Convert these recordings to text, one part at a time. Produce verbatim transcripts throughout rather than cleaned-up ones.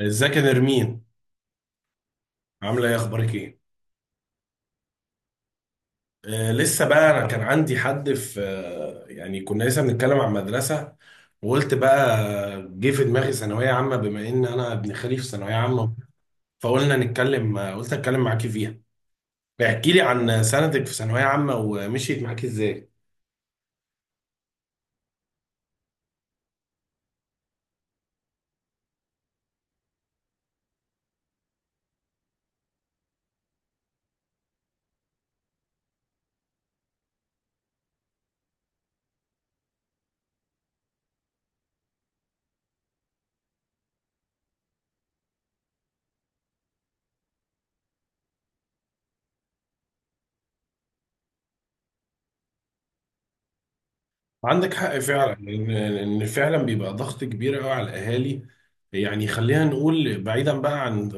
ازيك يا نرمين؟ عامله ايه، اخبارك ايه؟ آه لسه بقى انا كان عندي حد في آه يعني كنا لسه بنتكلم عن مدرسه، وقلت بقى، جه في دماغي ثانويه عامه، بما ان انا ابن خالي في ثانويه عامه، فقلنا نتكلم. آه، قلت اتكلم معاكي فيها، احكي لي عن سنتك في ثانويه عامه، ومشيت معاكي ازاي. عندك حق فعلا ان إن فعلا بيبقى ضغط كبير قوي على الاهالي. يعني خلينا نقول، بعيدا بقى عن،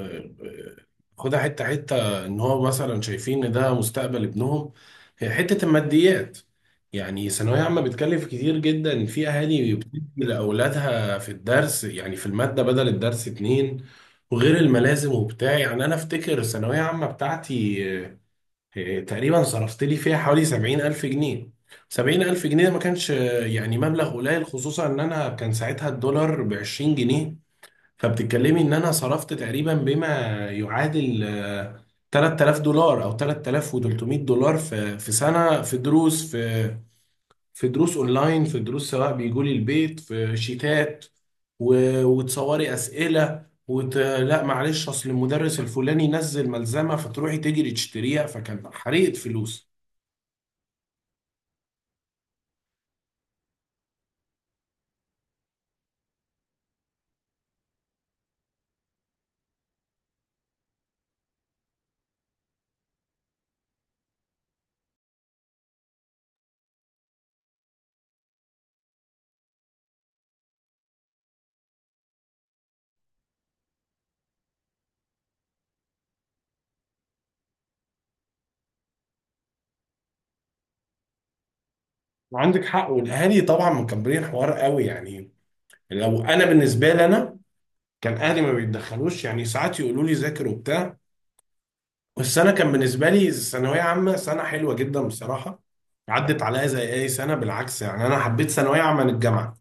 خدها حته حته، ان هو مثلا شايفين ان ده مستقبل ابنهم. هي حته الماديات، يعني ثانويه عامه بتكلف كتير جدا، في اهالي بتدي لاولادها في الدرس يعني في الماده بدل الدرس اتنين، وغير الملازم وبتاع. يعني انا افتكر الثانويه عامه بتاعتي، إيه، تقريبا صرفت لي فيها حوالي سبعين ألف جنيه. سبعين ألف جنيه ما كانش آه، يعني مبلغ قليل، خصوصا إن أنا كان ساعتها الدولار بعشرين جنيه. فبتتكلمي إن أنا صرفت تقريبا بما يعادل آه، ثلاتة آلاف دولار أو تلت تلاف وتلتمية دولار، في في سنة، في دروس، في في دروس اونلاين، في دروس، سواء بيجوا لي البيت، في شيتات و... وتصوري اسئله وت... لا معلش، اصل المدرس الفلاني نزل ملزمه فتروحي تجري تشتريها، فكان حريقه فلوس. عندك حق، والاهالي طبعا مكبرين الحوار قوي يعني. لو انا بالنسبه لي انا، كان اهلي ما بيتدخلوش، يعني ساعات يقولوا لي ذاكر وبتاع. بس انا كان بالنسبه لي الثانويه عامه سنه حلوه جدا بصراحه، عدت عليا زي اي سنه، بالعكس يعني انا حبيت ثانويه عامه عن الجامعه،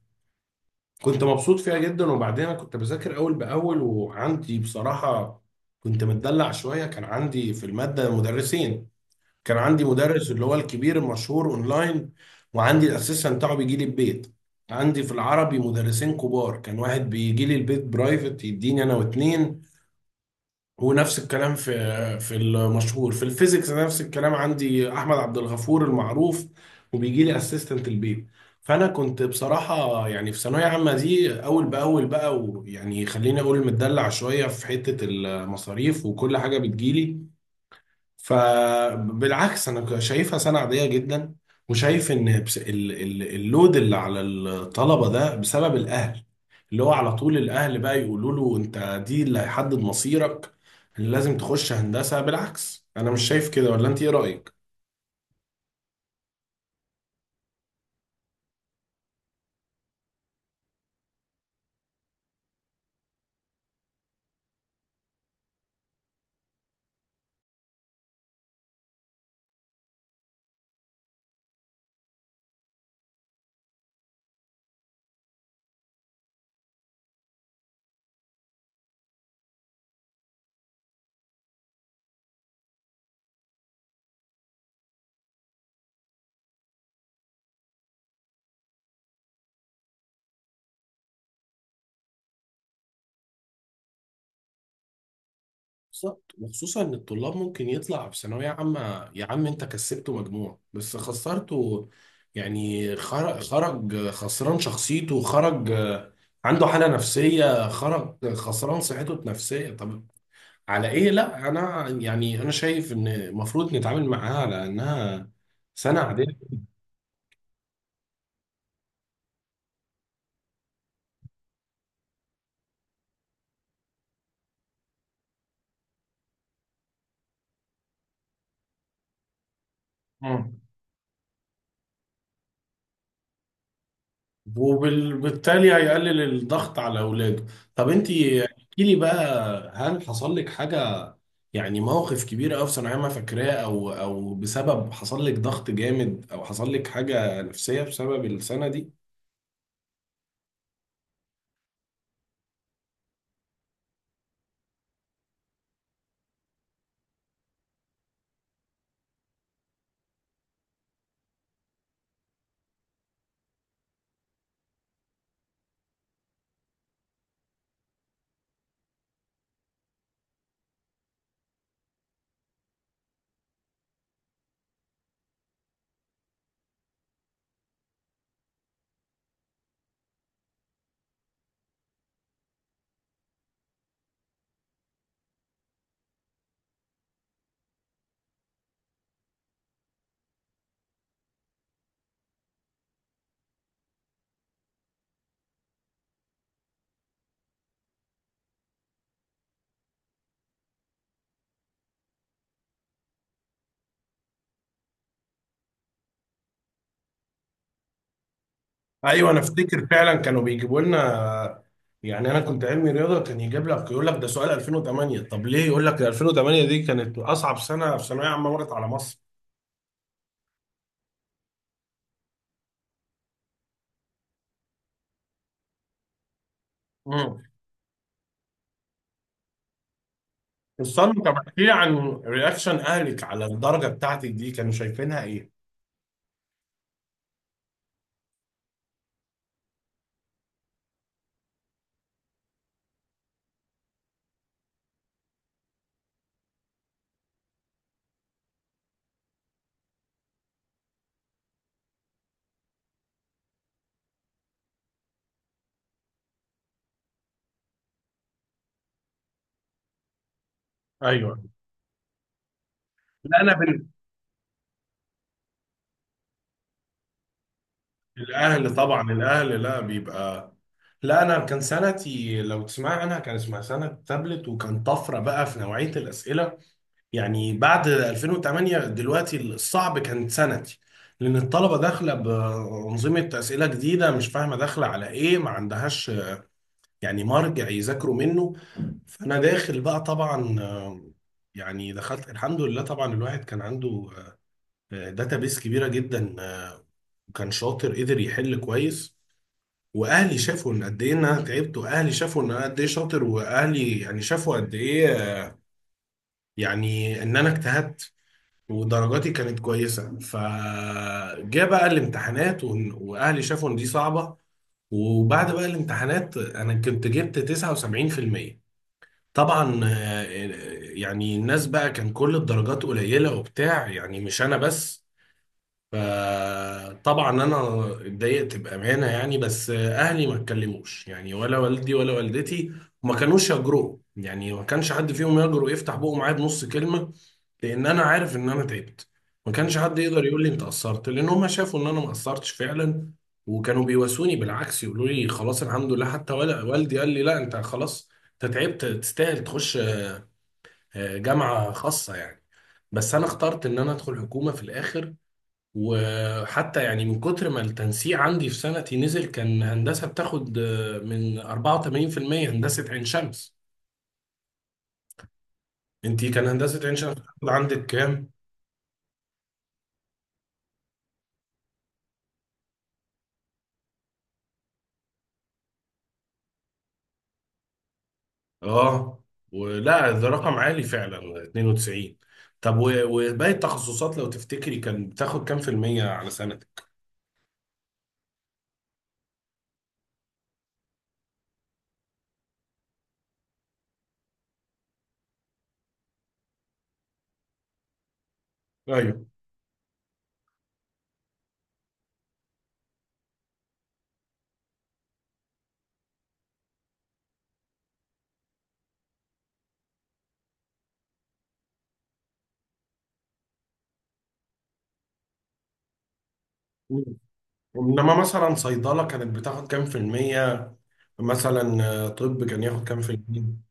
كنت مبسوط فيها جدا. وبعدين انا كنت بذاكر اول باول، وعندي بصراحه كنت متدلع شويه. كان عندي في الماده مدرسين، كان عندي مدرس اللي هو الكبير المشهور اونلاين، وعندي الاسيستنت بتاعه بيجي لي البيت. عندي في العربي مدرسين كبار، كان واحد بيجي لي البيت برايفت، يديني انا واتنين. ونفس الكلام في في المشهور في الفيزيكس، نفس الكلام، عندي احمد عبد الغفور المعروف، وبيجي لي اسيستنت البيت. فانا كنت بصراحه يعني في ثانويه عامه دي اول باول بقى، ويعني خليني اقول متدلع شويه في حته المصاريف وكل حاجه بتجيلي. فبالعكس انا شايفها سنه عاديه جدا، وشايف ان بس- ال- ال- اللود اللي على الطلبه ده بسبب الاهل، اللي هو على طول الاهل بقى يقولوا له انت دي اللي هيحدد مصيرك، اللي لازم تخش هندسه. بالعكس انا مش شايف كده، ولا انت ايه رايك؟ بالظبط، وخصوصا ان الطلاب ممكن يطلع في ثانويه عامه، يا عم انت كسبته مجموع بس خسرته، يعني خرج، خرج خسران شخصيته، خرج عنده حاله نفسيه، خرج خسران صحته النفسيه. طب على ايه؟ لا انا يعني انا شايف ان المفروض نتعامل معاها على انها سنه عاديه. مم. وبالتالي هيقلل الضغط على اولاده. طب انت احكي لي بقى، هل حصل لك حاجه، يعني موقف كبير قوي في ثانوية عامة فاكراه، او او بسبب حصل لك ضغط جامد، او حصل لك حاجة نفسية بسبب السنة دي؟ ايوه، انا افتكر فعلا كانوا بيجيبوا لنا، يعني انا كنت علمي رياضة، كان يجيب لك يقول لك ده سؤال ألفين وثمانية، طب ليه يقول لك ده؟ ألفين وتمانية دي كانت اصعب سنة في ثانوية عامة مرت على مصر. امم استنى، طب احكي لي عن رياكشن اهلك على الدرجة بتاعتك دي، كانوا شايفينها ايه؟ ايوه. لا انا بال... الاهل طبعا، الاهل لا بيبقى، لا انا كان سنتي لو تسمع عنها كان اسمها سنه تابلت، وكان طفره بقى في نوعيه الاسئله، يعني بعد ألفين وتمانية دلوقتي الصعب كانت سنتي، لان الطلبه داخله بانظمه اسئله جديده مش فاهمه داخله على ايه، ما عندهاش يعني مرجع يذاكروا منه. فانا داخل بقى طبعا، آه، يعني دخلت الحمد لله. طبعا الواحد كان عنده آه، داتابيس كبيره جدا، آه، وكان شاطر قدر يحل كويس. واهلي شافوا ان قد ايه ان انا تعبت، واهلي شافوا ان انا قد ايه شاطر، واهلي يعني شافوا قد ايه يعني ان انا اجتهدت، ودرجاتي كانت كويسه. فجاء بقى الامتحانات وإن- واهلي شافوا ان دي صعبه. وبعد بقى الامتحانات انا كنت جبت تسعة وسبعين في المية. طبعا آه، آه، يعني الناس بقى كان كل الدرجات قليله وبتاع، يعني مش انا بس. فطبعا انا اتضايقت بامانه يعني، بس اهلي ما اتكلموش يعني، ولا والدي ولا والدتي، وما كانوش يجرؤوا. يعني ما كانش حد فيهم يجرؤ يفتح بقه معايا بنص كلمه، لان انا عارف ان انا تعبت، ما كانش حد يقدر يقول لي انت قصرت، لان هم شافوا ان انا ما قصرتش فعلا. وكانوا بيواسوني بالعكس، يقولوا لي خلاص الحمد لله. حتى ولا والدي قال لي لا انت خلاص، انت تعبت، تستاهل تخش آه، جامعه خاصه يعني. بس انا اخترت ان انا ادخل حكومه في الاخر. وحتى يعني من كتر ما التنسيق عندي في سنتي نزل، كان هندسة بتاخد آه، من اربعة وتمانين في المية، هندسة عين شمس. انتي كان هندسة عين شمس بتاخد عندك كام؟ اه، ولا ده رقم عالي فعلا، اتنين وتسعين. طب، و- وباقي التخصصات لو تفتكري كان بتاخد كام في المية على سنتك؟ ايوه. انما مثلا صيدلة كانت بتاخد كام في المية، مثلا آه، طب كان ياخد كام في المية؟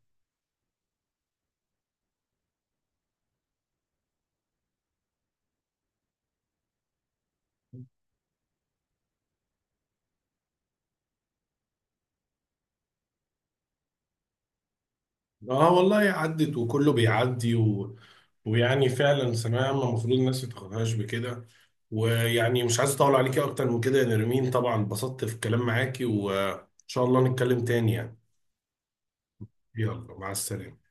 اه والله، عدت وكله بيعدي و... ويعني فعلا ثانوية عامة المفروض الناس ما تاخدهاش بكده. ويعني مش عايز اطول عليكي اكتر من كده يا نرمين، طبعا اتبسطت في الكلام معاكي، وان شاء الله نتكلم تاني يعني. يلا، مع السلامة.